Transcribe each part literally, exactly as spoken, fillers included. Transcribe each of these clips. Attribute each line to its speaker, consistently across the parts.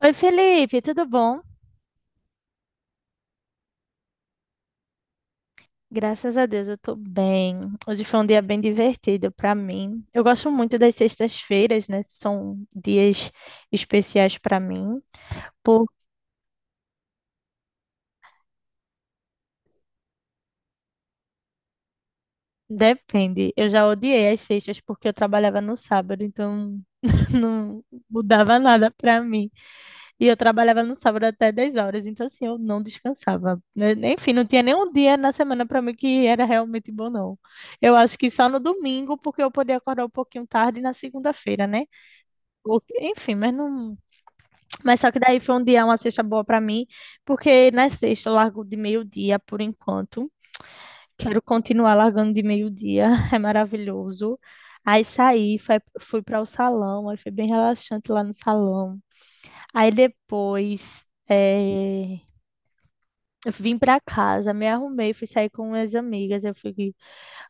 Speaker 1: Oi, Felipe, tudo bom? Graças a Deus eu tô bem. Hoje foi um dia bem divertido pra mim. Eu gosto muito das sextas-feiras, né? São dias especiais pra mim. Por... Depende. Eu já odiei as sextas porque eu trabalhava no sábado, então não mudava nada pra mim. E eu trabalhava no sábado até dez horas, então assim, eu não descansava, né? Enfim, não tinha nenhum dia na semana para mim que era realmente bom, não. Eu acho que só no domingo, porque eu podia acordar um pouquinho tarde na segunda-feira, né? Porque- Enfim, mas não. Mas só que daí foi um dia, uma sexta boa para mim, porque na sexta eu largo de meio-dia por enquanto. Quero continuar largando de meio-dia, é maravilhoso. Aí saí, fui, fui para o salão, aí foi bem relaxante lá no salão. Aí depois, eh, eu vim pra casa, me arrumei, fui sair com minhas amigas, eu fui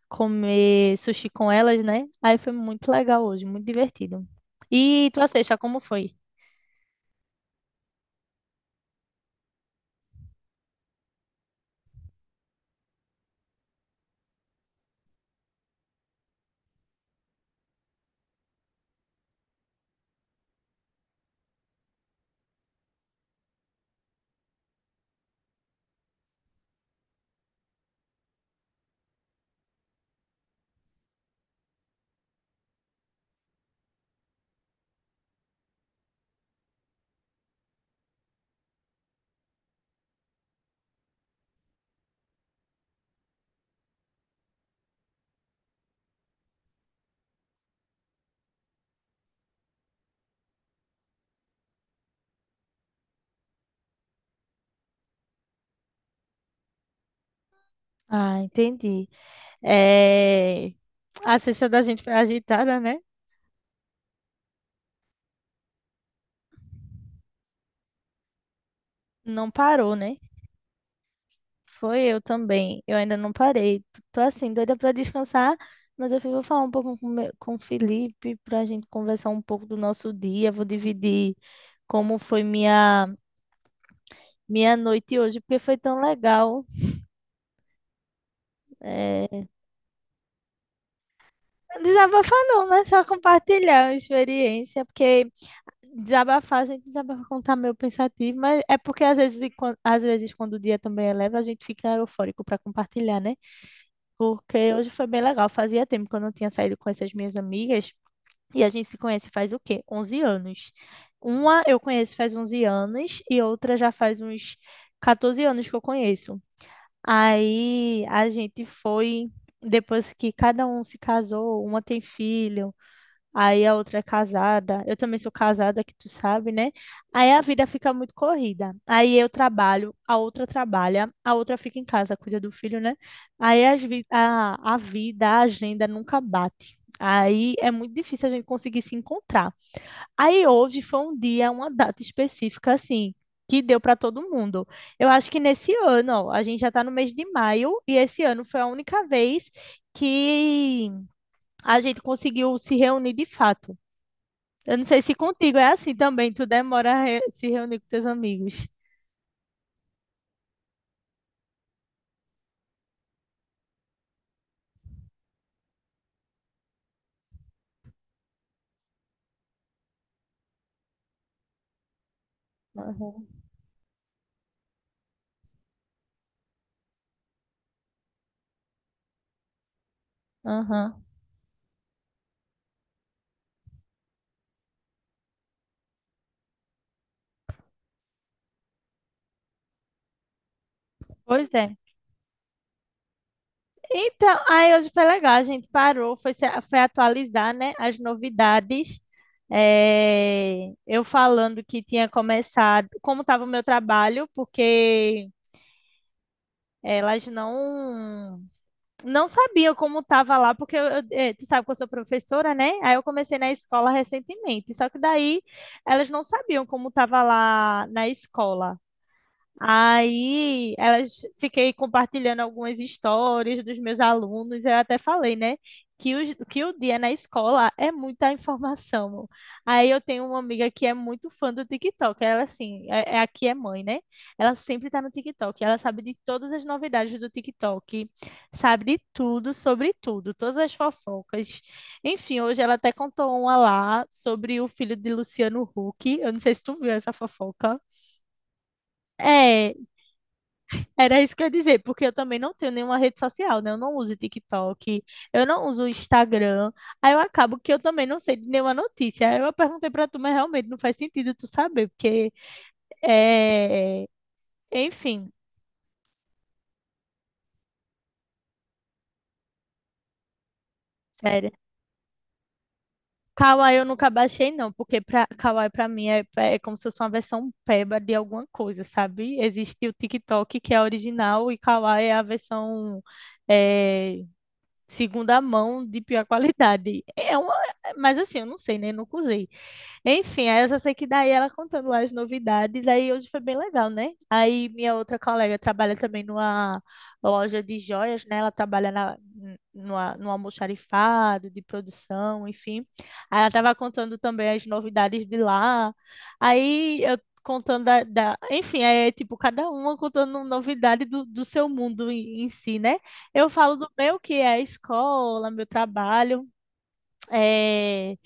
Speaker 1: comer sushi com elas, né? Aí foi muito legal hoje, muito divertido. E tua sexta, como foi? Ah, entendi. É... A sexta da gente foi agitada, né? Não parou, né? Foi eu também. Eu ainda não parei. T- Tô assim, doida pra descansar, mas eu fui- vou falar um pouco com, o meu- com o Felipe pra gente conversar um pouco do nosso dia. Vou dividir como foi minha. minha noite hoje, porque foi tão legal. É, desabafar não, né? Só compartilhar a experiência, porque desabafar, a gente desabafa quando tá meio pensativo, mas é porque às vezes, e quan- às vezes quando o dia também é leve, a gente fica eufórico para compartilhar, né? Porque hoje foi bem legal, fazia tempo que eu não tinha saído com essas minhas amigas, e a gente se conhece faz o quê? Onze anos. Uma eu conheço faz onze anos, e outra já faz uns catorze anos que eu conheço. Aí a gente foi, depois que cada um se casou, uma tem filho, aí a outra é casada. Eu também sou casada, que tu sabe, né? Aí a vida fica muito corrida. Aí eu trabalho, a outra trabalha, a outra fica em casa, cuida do filho, né? Aí as vi- a, a vida, a agenda nunca bate. Aí é muito difícil a gente conseguir se encontrar. Aí hoje foi um dia, uma data específica, assim, que deu para todo mundo. Eu acho que nesse ano, ó, a gente já está no mês de maio, e esse ano foi a única vez que a gente conseguiu se reunir de fato. Eu não sei se contigo é assim também, tu demora a re- se reunir com teus amigos. Aham. Aham. Pois é. Então, aí hoje foi legal, a gente parou, foi, se- foi atualizar, né, as novidades. É, eu falando que tinha começado, como estava o meu trabalho, porque elas não não sabiam como estava lá, porque eu- eu- eh, tu sabe que eu sou professora, né? Aí eu comecei na escola recentemente, só que daí elas não sabiam como estava lá na escola. Aí elas fiquei compartilhando algumas histórias dos meus alunos. Eu até falei, né, que o, que o dia na escola é muita informação. Aí eu tenho uma amiga que é muito fã do TikTok. Ela, assim, é, é aqui é mãe, né? Ela sempre tá no TikTok. Ela sabe de todas as novidades do TikTok, sabe de tudo, sobre tudo, todas as fofocas. Enfim, hoje ela até contou uma lá sobre o filho de Luciano Huck. Eu não sei se tu viu essa fofoca. É, era isso que eu ia dizer, porque eu também não tenho nenhuma rede social, né? Eu não uso TikTok, eu não uso Instagram. Aí eu acabo que eu também não sei de nenhuma notícia. Aí eu perguntei pra tu, mas realmente não faz sentido tu saber, porque é. Enfim, sério. Kawaii eu nunca baixei, não, porque pra... Kawaii pra mim é, é como se fosse uma versão peba de alguma coisa, sabe? Existe o TikTok, que é original, e Kawaii é a versão é, segunda mão de pior qualidade. É uma, mas assim, eu não sei, né? Nunca usei. Enfim, aí eu só sei que daí ela contando lá as novidades, aí hoje foi bem legal, né? Aí minha outra colega trabalha também numa loja de joias, né? Ela trabalha na, numa, num almoxarifado de produção, enfim. Aí ela tava contando também as novidades de lá. Aí eu contando da, da- enfim, é tipo cada uma contando novidade do, do seu mundo em, em si, né? Eu falo do meu que é a escola, meu trabalho, é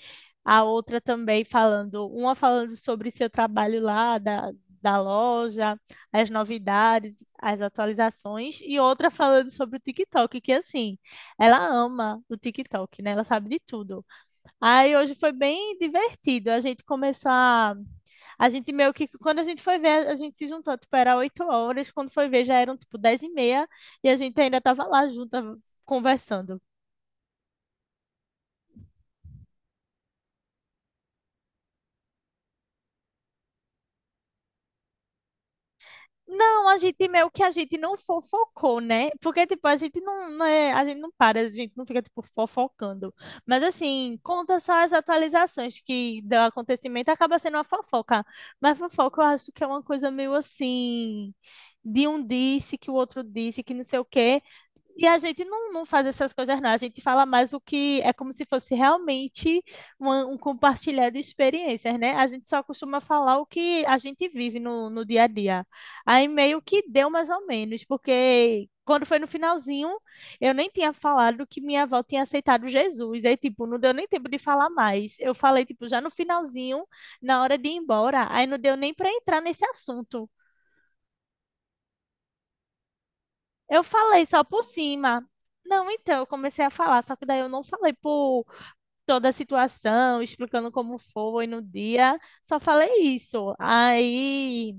Speaker 1: a outra também falando, uma falando sobre seu trabalho lá da, da loja, as novidades, as atualizações, e outra falando sobre o TikTok, que assim, ela ama o TikTok, né? Ela sabe de tudo. Aí hoje foi bem divertido. A gente começou a. A gente meio que. Quando a gente foi ver, a gente se juntou, tipo, era oito horas, quando foi ver já eram tipo dez e meia, e a gente ainda tava lá junta conversando. Não, a gente meio que a gente não fofocou, né? Porque, tipo, a gente não, não é- a gente não para, a gente não fica, tipo, fofocando. Mas, assim, conta só as atualizações que do acontecimento, acaba sendo uma fofoca. Mas fofoca eu acho que é uma coisa meio assim, de um disse que o outro disse, que não sei o quê. E a gente não, não faz essas coisas, não. A gente fala mais o que é como se fosse realmente uma- um compartilhar de experiências, né? A gente só costuma falar o que a gente vive no, no dia a dia. Aí meio que deu mais ou menos, porque quando foi no finalzinho, eu nem tinha falado que minha avó tinha aceitado Jesus. Aí, tipo, não deu nem tempo de falar mais. Eu falei, tipo, já no finalzinho, na hora de ir embora. Aí não deu nem para entrar nesse assunto. Eu falei só por cima. Não, então, eu comecei a falar, só que daí eu não falei por toda a situação, explicando como foi no dia, só falei isso. Aí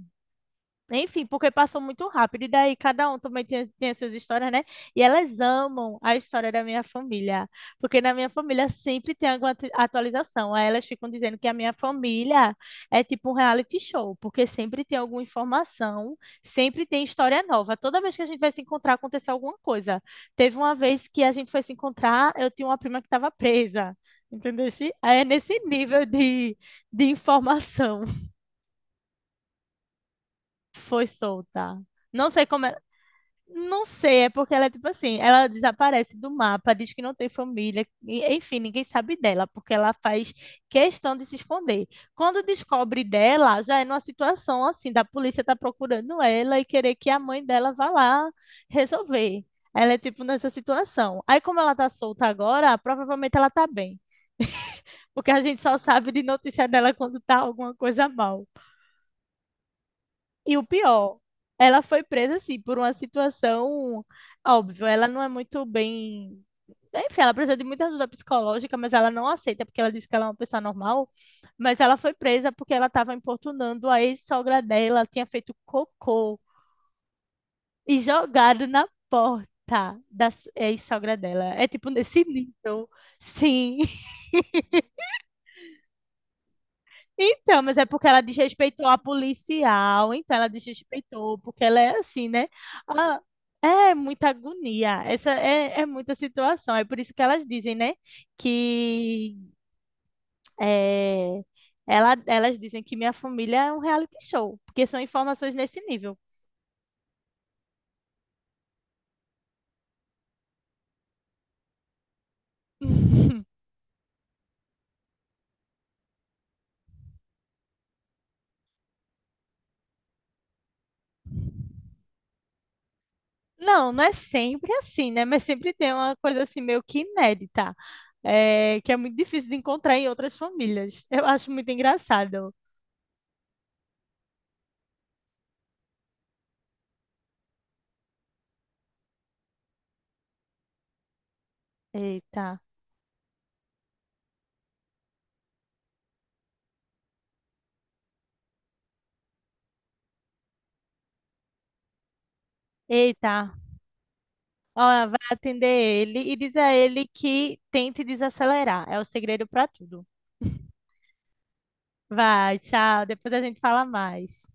Speaker 1: enfim, porque passou muito rápido. E daí cada um também tem, tem as suas histórias, né? E elas amam a história da minha família. Porque na minha família sempre tem alguma atu- atualização. Aí elas ficam dizendo que a minha família é tipo um reality show. Porque sempre tem alguma informação, sempre tem história nova. Toda vez que a gente vai se encontrar, aconteceu alguma coisa. Teve uma vez que a gente foi se encontrar, eu tinha uma prima que estava presa. Entendeu? Aí é nesse nível de, de informação. Foi solta. Não sei como é- Não sei, é porque ela é tipo assim, ela desaparece do mapa, diz que não tem família, e- enfim, ninguém sabe dela, porque ela faz questão de se esconder. Quando descobre dela, já é numa situação assim, da polícia tá procurando ela e querer que a mãe dela vá lá resolver. Ela é tipo nessa situação. Aí, como ela tá solta agora, provavelmente ela tá bem, porque a gente só sabe de notícia dela quando tá alguma coisa mal. E o pior, ela foi presa assim por uma situação óbvio, ela não é muito bem, enfim, ela precisa de muita ajuda psicológica, mas ela não aceita porque ela disse que ela é uma pessoa normal, mas ela foi presa porque ela estava importunando a ex-sogra dela, tinha feito cocô e jogado na porta da s- ex-sogra dela. É tipo nesse nível. Sim. Então, mas é porque ela desrespeitou a policial, então ela desrespeitou, porque ela é assim, né? Ah, é muita agonia, essa é, é muita situação, é por isso que elas dizem, né? Que é, ela, elas dizem que minha família é um reality show, porque são informações nesse nível. Não, não é sempre assim, né? Mas sempre tem uma coisa assim meio que inédita, é, que é muito difícil de encontrar em outras famílias. Eu acho muito engraçado. Eita, eita. Ela vai atender ele e diz a ele que tente desacelerar. É o segredo para tudo. Vai, tchau. Depois a gente fala mais.